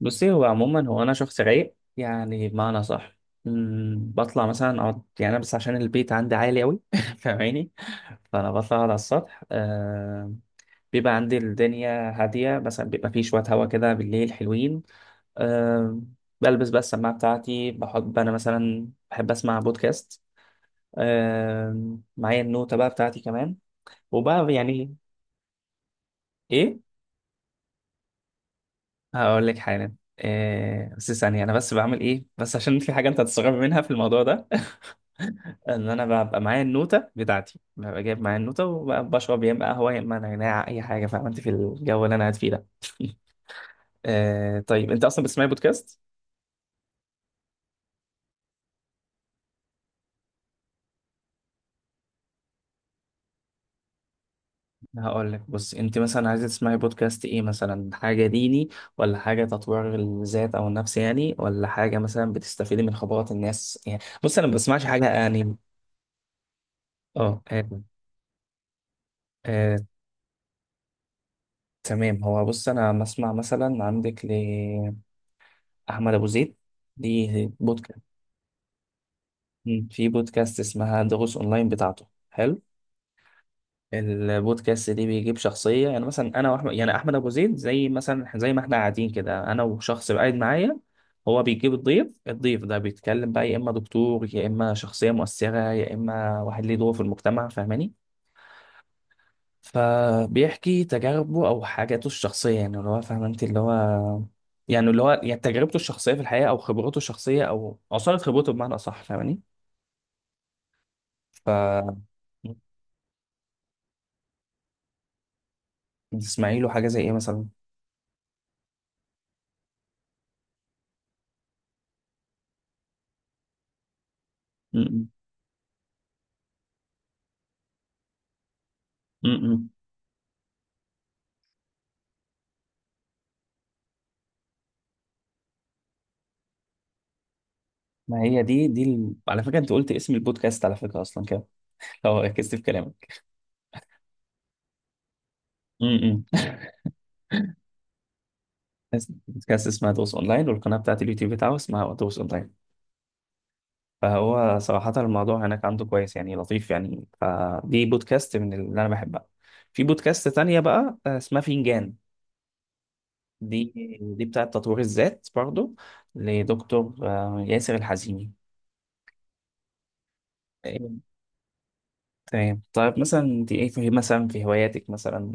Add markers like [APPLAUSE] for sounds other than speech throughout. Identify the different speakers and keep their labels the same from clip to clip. Speaker 1: بصي، هو عموما هو انا شخص رايق، يعني بمعنى صح. بطلع مثلا اقعد، يعني انا بس عشان البيت عندي عالي قوي [LAUGHS] فاهماني؟ فانا بطلع أقعد على السطح. آه، بيبقى عندي الدنيا هاديه، مثلا بيبقى فيه شويه هوا كده بالليل حلوين. آه، بلبس بقى السماعه بتاعتي. بحب انا مثلا بحب اسمع بودكاست. آه، معايا النوتة بقى بتاعتي كمان. وبقى يعني ايه. هقول لك حالا إيه، بس ثانية أنا بس بعمل إيه، بس عشان في حاجة أنت هتستغرب منها في الموضوع ده [LAUGHS] إن أنا ببقى معايا النوتة بتاعتي، ببقى جايب معايا النوتة وبشرب يا إما قهوة يا إما نعناع، أي حاجة. فاهم أنت في الجو اللي أنا قاعد فيه ده؟ [LAUGHS] إيه، طيب أنت أصلا بتسمعي بودكاست؟ هقول لك، بص أنت مثلا عايزة تسمعي بودكاست إيه، مثلا حاجة ديني ولا حاجة تطوير الذات أو النفس يعني، ولا حاجة مثلا بتستفيدي من خبرات الناس يعني. بص، أنا ما بسمعش حاجة يعني. أه، آه، آه، تمام. هو بص، انا بسمع مثلا عندك لاحمد ابو زيد، دي بودكاست. مم. في بودكاست اسمها دروس اونلاين بتاعته، حلو. البودكاست دي بيجيب شخصيه، يعني مثلا انا واحمد، يعني احمد ابو زيد، زي مثلا زي ما احنا قاعدين كده انا وشخص قاعد معايا. هو بيجيب الضيف، ده بيتكلم بقى، يا اما دكتور يا اما شخصيه مؤثره يا اما واحد ليه دور في المجتمع، فاهماني؟ فبيحكي تجاربه او حاجاته الشخصيه، يعني اللي هو فاهم انت اللي هو، يعني اللي هو يعني تجربته الشخصيه في الحياه او خبرته الشخصيه او عصاره خبرته بمعنى اصح، فاهماني؟ ف تسمعي له حاجه زي ايه مثلا؟ م-م. م-م. ما هي دي ال... على فكره انت قلت اسم البودكاست على فكره اصلا كده، لو ركزت في كلامك. م-م. [LAUGHS] اسم البودكاست اسمها دوس اونلاين، والقناه بتاعت اليوتيوب بتاعه اسمها دوس اونلاين. فهو صراحة الموضوع هناك عنده كويس يعني، لطيف يعني، فدي بودكاست من اللي أنا بحبها. في بودكاست تانية بقى، اسمها فنجان. دي بتاعة تطوير الذات برضو، لدكتور ياسر الحزيمي. إيه، تمام. طيب مثلا انت ايه، في مثلا في هواياتك مثلا؟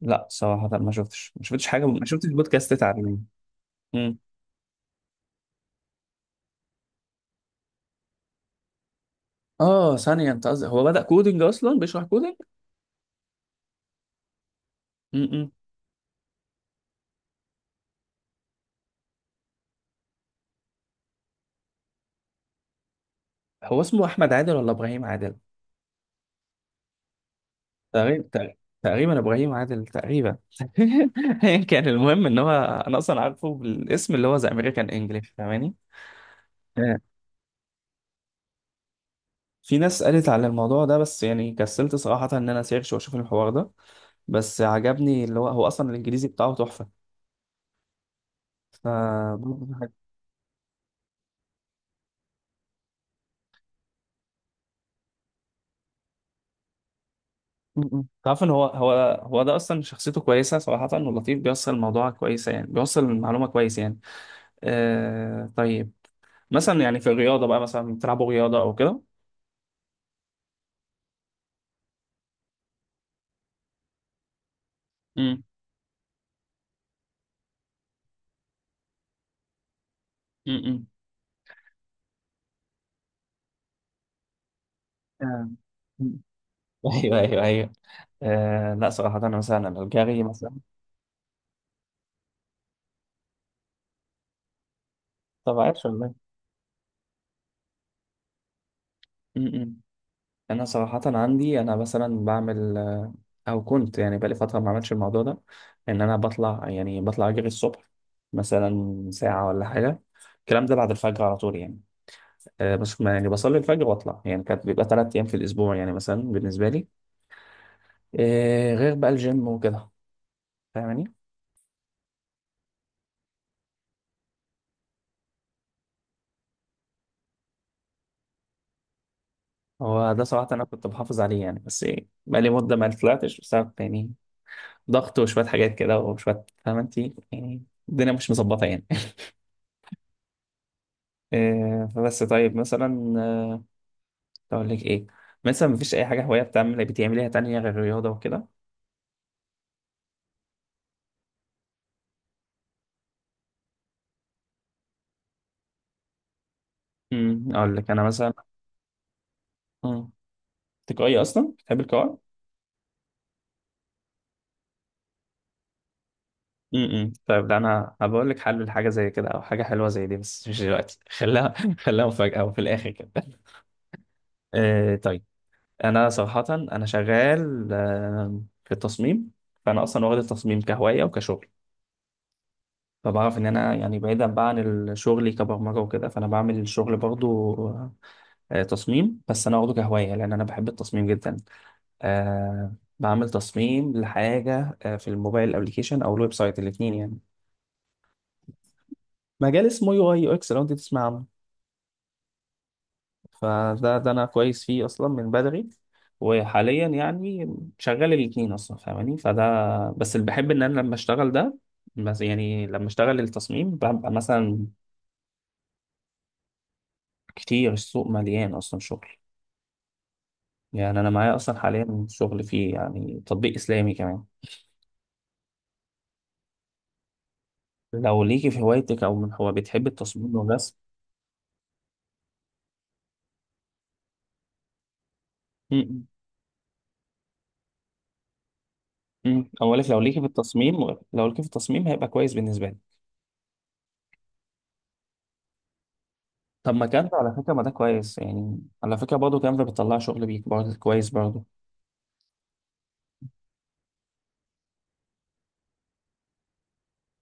Speaker 1: لا صراحة، ما شفتش حاجة، ما شفتش بودكاست تعليمي. مم. اه، ثانية انت قصدك هو بدأ كودينج، اصلا بيشرح كودينج؟ م-م. هو اسمه احمد عادل ولا ابراهيم عادل؟ تقريبا تق- تقريبا ابراهيم عادل تقريبا. [LAUGHS] ايا كان، المهم ان هو انا اصلا عارفه بالاسم، اللي هو ذا امريكان انجلش، فاهماني؟ آه. في ناس قالت على الموضوع ده بس يعني كسلت صراحة ان انا سيرش واشوف الحوار ده، بس عجبني اللي هو، هو اصلا الانجليزي بتاعه تحفة. ف م- م. تعرف ان هو هو ده اصلا شخصيته كويسة صراحة، ولطيف بيوصل الموضوع كويسة يعني، بيوصل المعلومة كويس يعني. آه، طيب مثلا، يعني في الرياضة بقى مثلا، بتلعبوا رياضة او كده؟ م- م. آه. [LAUGHS] مم. ايوه ايوه ايوه. آه، لا صراحة انا مثلا انا الجري مثلا. طب عايش والله. م- م. انا صراحة عندي انا مثلا بعمل آه، او كنت يعني، بقالي فترة ما عملتش الموضوع ده، ان انا بطلع، يعني بطلع اجري الصبح مثلا ساعة ولا حاجة. الكلام ده بعد الفجر على طول يعني، آه بس يعني بصلي الفجر واطلع، يعني كانت بيبقى 3 ايام في الاسبوع يعني مثلا بالنسبة لي. آه، غير بقى الجيم وكده، فاهماني؟ هو ده صراحة انا كنت بحافظ عليه يعني، بس إيه، بقالي مدة ما طلعتش بسبب يعني ضغط وشوية حاجات كده وشوية، فاهمة انت يعني، الدنيا مش مظبطة يعني. [LAUGHS] آه، فبس طيب مثلا، اقول لك ايه، مثلا مفيش اي حاجة هواية بتعمل بتعمليها تانية غير الرياضة وكده؟ امم، اقول لك انا مثلا، امم، تقعي اصلا بتحب القراءة؟ امم، طيب، ده انا هبقول لك حل لحاجة زي كده، او حاجة حلوة زي دي، بس مش دلوقتي. [LAUGHS] خليها، خليها مفاجأة وفي الاخر كده. [LAUGHS] آه، طيب، انا صراحة انا شغال في التصميم، فانا اصلا واخد التصميم كهواية وكشغل. فبعرف ان انا يعني بعيدا بقى عن ال- شغلي كبرمجه وكده، فانا بعمل الشغل برضو تصميم، بس انا واخده كهوايه، لان انا بحب التصميم جدا. آه، بعمل تصميم لحاجه في الموبايل ابلكيشن او الويب سايت، الاثنين يعني. مجال اسمه يو اي يو اكس، لو انت تسمع عنه. فده، ده انا كويس فيه اصلا من بدري، وحاليا يعني شغال الاثنين اصلا، فاهماني؟ فده، بس اللي بحب ان انا لما اشتغل ده، بس يعني لما اشتغل التصميم ببقى مثلا كتير، السوق مليان اصلا شغل يعني. أنا معايا أصلا حاليا شغل فيه، يعني تطبيق إسلامي كمان. لو ليكي في هوايتك، أو من هو بتحب التصميم والرسم. م- م. أقولك لو ليكي في التصميم، هيبقى كويس بالنسبة لي. طب، ما كانفا على فكرة، ما ده كويس يعني، على فكرة برضه كانفا بتطلع شغل بيك برضه كويس برضه.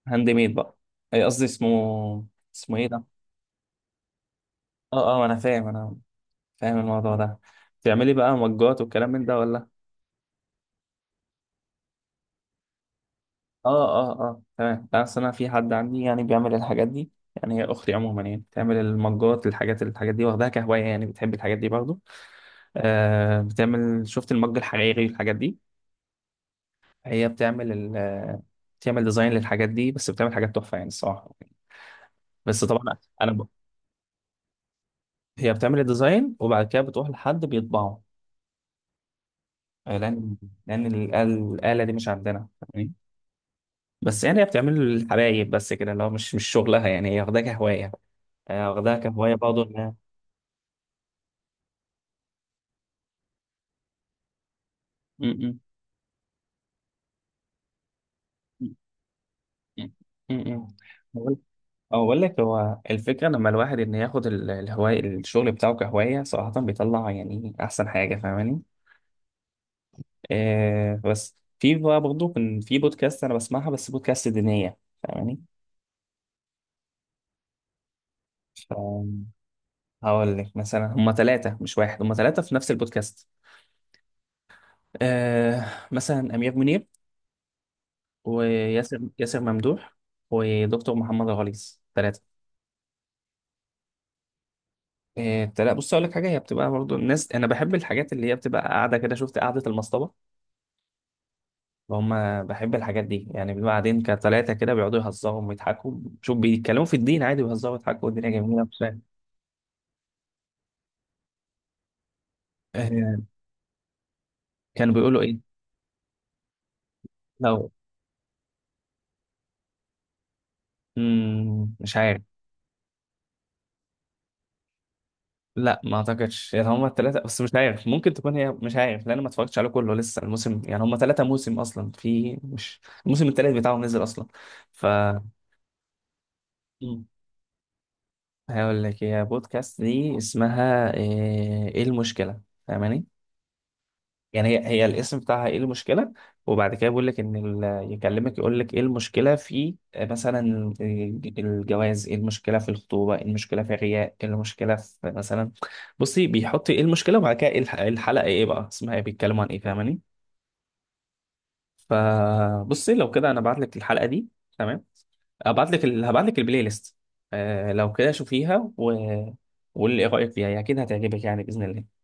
Speaker 1: هاند ميد بقى، أي قصدي اسمه، اسمه إيه ده؟ أه، أه أنا فاهم، أنا فاهم الموضوع ده. تعملي بقى مجات والكلام من ده ولا؟ اه اه اه، تمام. بس انا في حد عندي يعني بيعمل الحاجات دي يعني، هي اختي عموما، يعني بتعمل المجات، الحاجات دي، واخداها كهوايه يعني، بتحب الحاجات دي برضه. آه، بتعمل، شفت المج الحريري والحاجات دي؟ هي بتعمل ال آه، بتعمل ديزاين للحاجات دي، بس بتعمل حاجات تحفه يعني الصراحه. بس طبعا انا ب... هي بتعمل الديزاين، وبعد كده بتروح لحد بيطبعه، آه، لان، لان ال- الاله دي مش عندنا، فاهمني؟ بس يعني هي بتعمل الحبايب بس كده، اللي هو مش شغلها يعني، هي واخداها كهوايه. آه، واخدها كهواية برضه، إنها م- م- م- م. بقول، أقول لك، هو الفكرة لما الواحد إن ياخد ال- الهواية، الشغل بتاعه كهواية صراحة بيطلع يعني أحسن حاجة، فاهماني؟ آه، بس في بقى برضه كان في بودكاست أنا بسمعها، بس بودكاست دينية، فاهماني؟ ف هقول لك مثلا، هما 3 مش واحد، هما 3 في نفس البودكاست. آه، مثلا أمير منير، ياسر ممدوح، ودكتور محمد الغليظ، 3. إيه، لا بص اقول لك حاجه، هي بتبقى برضو، الناس انا بحب الحاجات اللي هي بتبقى قاعده كده، شفت قعده المصطبه؟ هم، بحب الحاجات دي يعني، بنبقى قاعدين كتلاته كده، بيقعدوا يهزروا ويضحكوا، شوف بيتكلموا في الدين عادي، ويهزروا ويضحكوا والدنيا جميله، مش فاهم. آه، كانوا بيقولوا ايه؟ لو، مم، مش عارف. لا، ما اعتقدش يعني، هم الـ3 بس، مش عارف ممكن تكون هي، مش عارف لان انا ما اتفرجتش عليه كله لسه، الموسم يعني هم 3 موسم اصلا، في مش، الموسم الثالث بتاعهم نزل اصلا. ف هقول لك، هي بودكاست دي اسمها ايه المشكلة، فاهماني؟ يعني هي، الاسم بتاعها ايه المشكلة. وبعد كده بيقول لك ان ال- يكلمك يقول لك ايه المشكلة في مثلا الجواز، ايه المشكلة في الخطوبة، ايه المشكلة في الرياء، ايه المشكلة في مثلا، بصي بيحط ايه المشكلة، وبعد كده إيه الحلقة ايه بقى اسمها، ايه بيتكلموا عن ايه، فاهماني؟ فبصي لو كده، انا بعت لك الحلقة دي، تمام؟ هبعت لك ال... هبعت لك البلاي ليست. آه، لو كده شوفيها و... واللي رايك فيها، هي اكيد هتعجبك يعني، باذن الله.